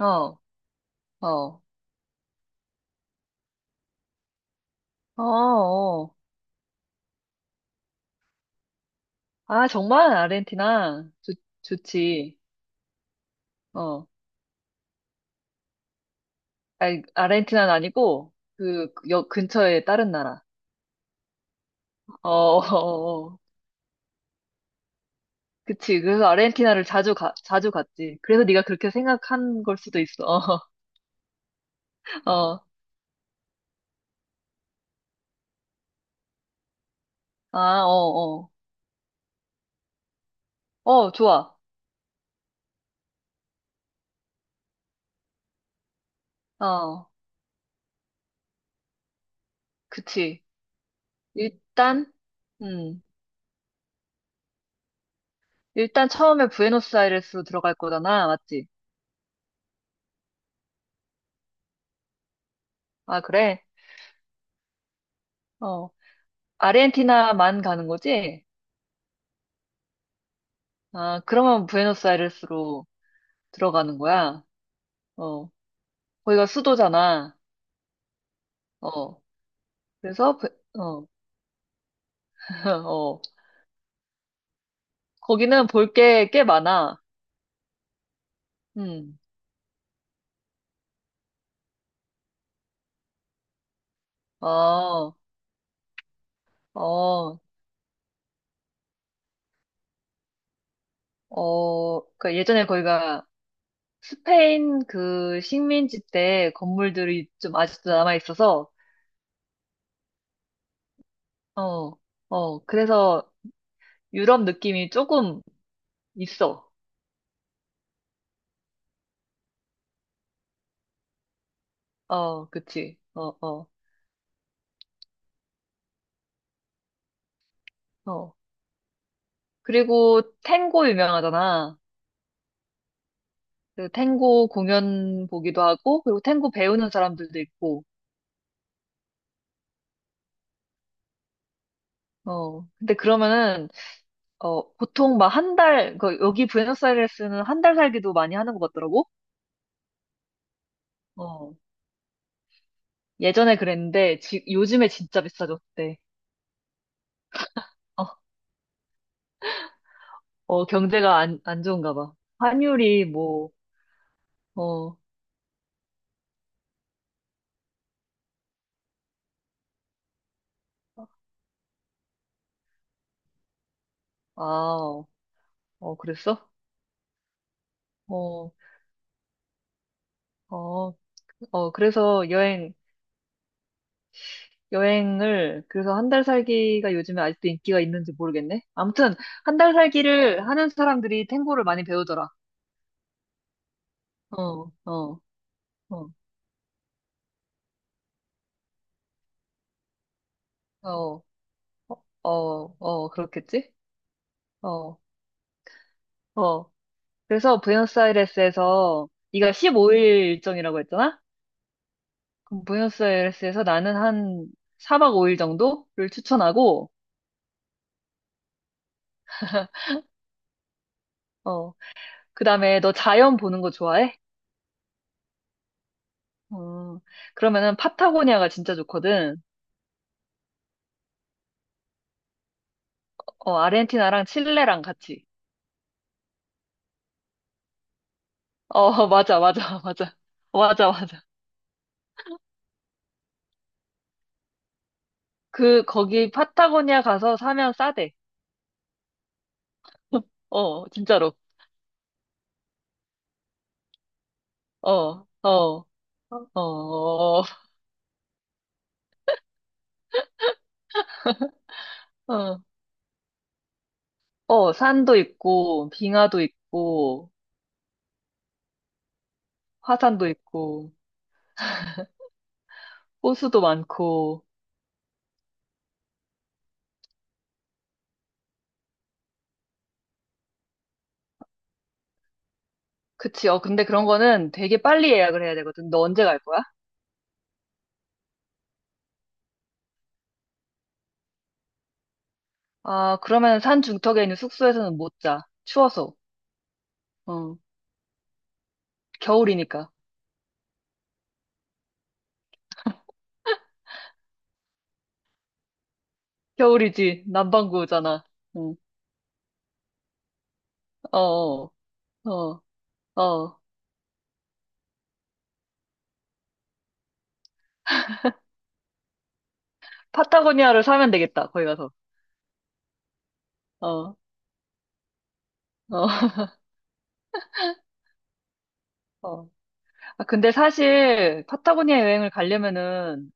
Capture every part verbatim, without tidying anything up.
어, 어, 어, 어. 아, 정말 아르헨티나. 좋, 좋지. 어. 아니, 아르헨티나는 아니고, 그, 그 역 근처에 다른 나라. 어, 어, 어. 어. 그치. 그래서 아르헨티나를 자주 가, 자주 갔지. 그래서 네가 그렇게 생각한 걸 수도 있어. 어, 어. 아, 어, 어. 어, 좋아. 어, 그치. 일단, 음, 일단 처음에 부에노스아이레스로 들어갈 거잖아. 맞지? 아, 그래? 어. 아르헨티나만 가는 거지? 아, 그러면 부에노스아이레스로 들어가는 거야? 어, 거기가 수도잖아. 어, 그래서, 부- 어, 어, 거기는 볼 게 꽤 많아. 음, 어, 어, 어, 그러니까 예전에 거기가 스페인 그 식민지 때 건물들이 좀 아직도 남아 있어서, 어, 어, 그래서 유럽 느낌이 조금 있어. 어, 그치. 어, 어, 어. 그리고 탱고 유명하잖아. 그 탱고 공연 보기도 하고, 그리고 탱고 배우는 사람들도 있고, 어, 근데 그러면은, 어, 보통 막 한 달, 그 여기 부에노스아이레스는 한 달 살기도 많이 하는 것 같더라고? 어, 예전에 그랬는데, 지, 요즘에 진짜 비싸졌대. 어, 어, 경제가 안, 안 좋은가 봐. 환율이 뭐, 어, 아, 어, 그랬어? 어, 어, 어, 그래서 여행, 여행을, 그래서 한 달 살기가 요즘에 아직도 인기가 있는지 모르겠네. 아무튼, 한 달 살기를 하는 사람들이 탱고를 많이 배우더라. 어, 어, 어, 어, 어, 어, 어, 그렇겠지? 어, 어. 그래서 부에노스아이레스에서, 네가 십오 일 일정이라고 했잖아? 그럼 부에노스아이레스에서 나는 한 사 박 오 일 정도를 추천하고, 어, 그 다음에 너 자연 보는 거 좋아해? 어, 그러면은 파타고니아가 진짜 좋거든. 어, 아르헨티나랑 칠레랑 같이. 어, 맞아, 맞아, 맞아. 맞아, 맞아. 그, 거기 파타고니아 가서 사면 싸대. 어, 진짜로. 어, 어, 어, 어, 어, 산도 있고, 빙하도 있고, 화산도 있고, 호수도 많고. 그치, 어, 근데 그런 거는 되게 빨리 예약을 해야 되거든. 너 언제 갈 거야? 아, 그러면 산 중턱에 있는 숙소에서는 못 자. 추워서. 어, 겨울이니까. 겨울이지. 남반구잖아. 응, 어, 어, 어. 어. 파타고니아를 사면 되겠다, 거기 가서. 어, 어, 어. 아, 근데 사실 파타고니아 여행을 가려면은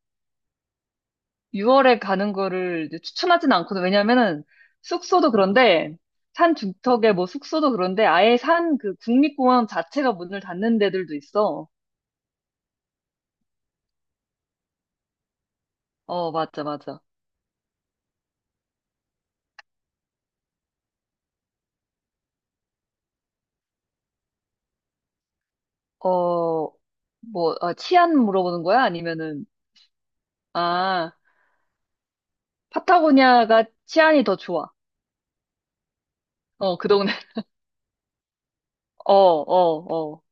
유월에 가는 거를 이제 추천하진 않거든. 왜냐면은 숙소도 그런데 산 중턱에 뭐 숙소도 그런데 아예 산 그 국립공원 자체가 문을 닫는 데들도 있어. 어, 맞아, 맞아. 어, 뭐, 아, 치안 물어보는 거야? 아니면은, 아, 파타고니아가 치안이 더 좋아. 어, 그 동네. 어, 어, 어.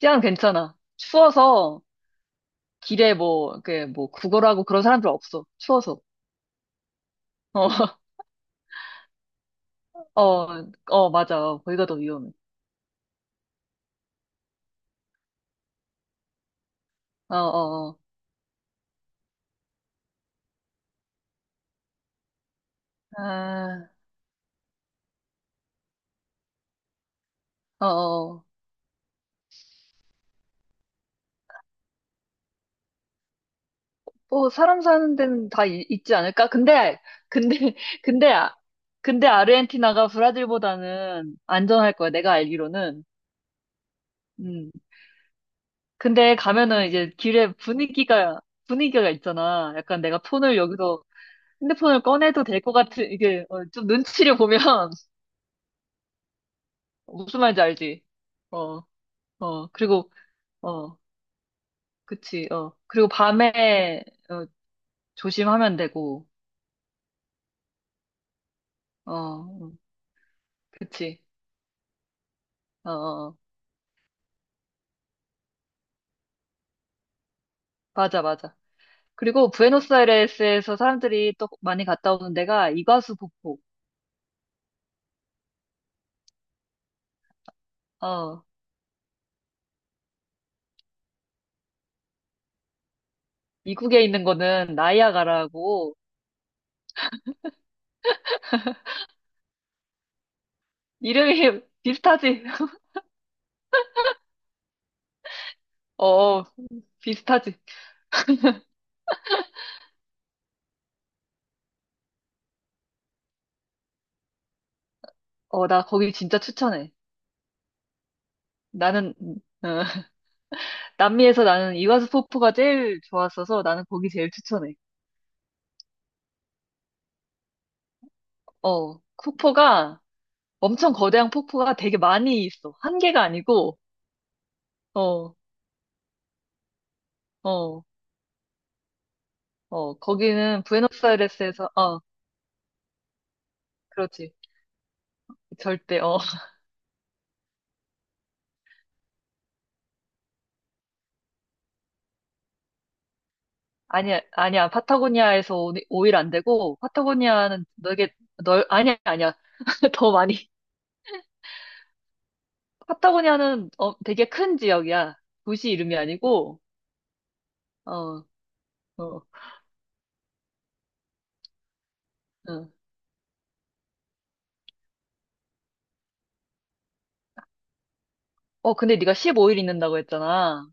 치안 괜찮아. 추워서 길에 뭐, 그, 뭐, 구걸하고 그런 사람들 없어. 추워서. 어, 어, 어, 맞아. 어, 거기가 더 위험해. 어, 어, 어. 아, 어, 어. 뭐, 사람 사는 데는 다 이- 있지 않을까? 근데, 근데, 근데, 아- 근데 아르헨티나가 브라질보다는 안전할 거야. 내가 알기로는. 음. 근데 가면은 이제 길에 분위기가, 분위기가 있잖아. 약간 내가 폰을 여기서 핸드폰을 꺼내도 될 것 같은, 이게, 어, 좀 눈치를 보면, 무슨 말인지 알지? 어. 어, 그리고, 어, 그치, 어. 그리고 밤에, 어, 조심하면 되고, 어, 음, 그치, 어, 어, 어. 맞아, 맞아. 그리고 부에노스아이레스에서 사람들이 또 많이 갔다 오는 데가 이과수 폭포. 어, 미국에 있는 거는 나이아가라고, 이름이 비슷하지? 어, 어, 비슷하지? 어, 나 거기 진짜 추천해. 나는, 음, 어, 남미에서 나는 이과수 폭포가 제일 좋았어서 나는 거기 제일 추천해. 어, 폭포가, 엄청 거대한 폭포가 되게 많이 있어. 한 개가 아니고, 어, 어, 어, 거기는 부에노스아이레스에서, 어, 그렇지. 절대, 어. 아니야, 아니야. 파타고니아에서 오, 5일 안 되고, 파타고니아는 되게 넓, 아니야, 아니야. 더 많이. 파타고니아는 어, 되게 큰 지역이야. 도시 이름이 아니고, 어, 어, 응. 어, 근데 네가 십오 일 있는다고 했잖아.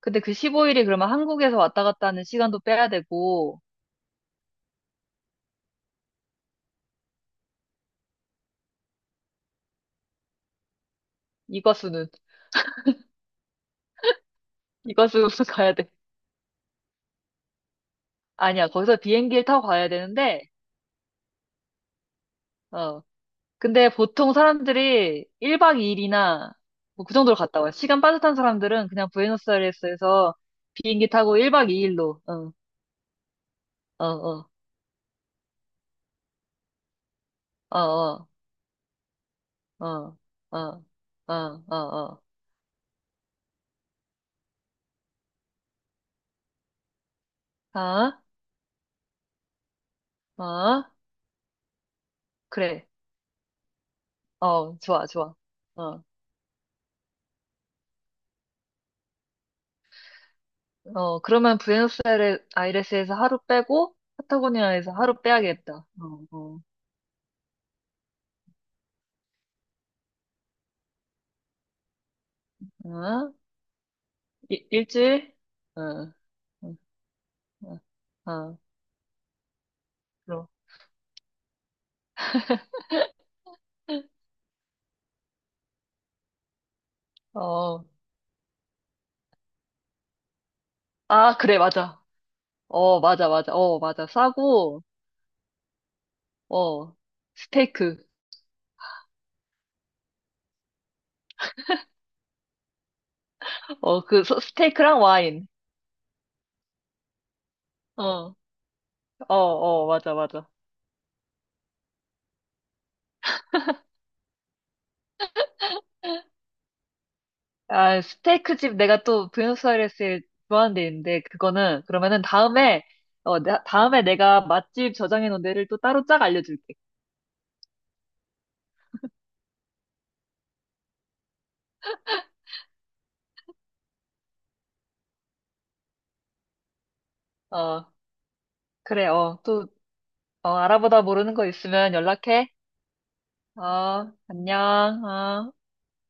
근데 그 십오 일이 그러면 한국에서 왔다 갔다 하는 시간도 빼야 되고, 이과수는, 이과수로 가야 돼. 아니야, 거기서 비행기를 타고 가야 되는데, 어. 근데 보통 사람들이 일 박 이 일이나 뭐 그 정도로 갔다 와요. 시간 빠듯한 사람들은 그냥 부에노스아이레스에서 비행기 타고 일 박 이 일로, 어, 어, 어, 어, 어, 어, 어, 어, 어, 어, 어, 어, 그래. 어, 좋아, 좋아. 어, 어, 그러면 부에노스아이레스에서 하루 빼고, 파타고니아에서 하루 빼야겠다. 어, 어, 어, 일, 일주일? 어. 어. 응. 아, 그럼. 어, 아, 그래, 맞아. 어, 맞아, 맞아. 어, 맞아. 싸고, 어, 스테이크. 어, 그, 소- 스테이크랑 와인. 어, 어, 어, 맞아, 맞아. 아, 스테이크 집 내가 또 부에노스아이레스에 좋아하는 데 있는데, 그거는, 그러면은 다음에, 어, 나- 다음에 내가 맛집 저장해 놓은 데를 또 따로 쫙 알려줄게. 어, 그래, 어, 또, 어, 알아보다 모르는 거 있으면 연락해. 어, 안녕, 어.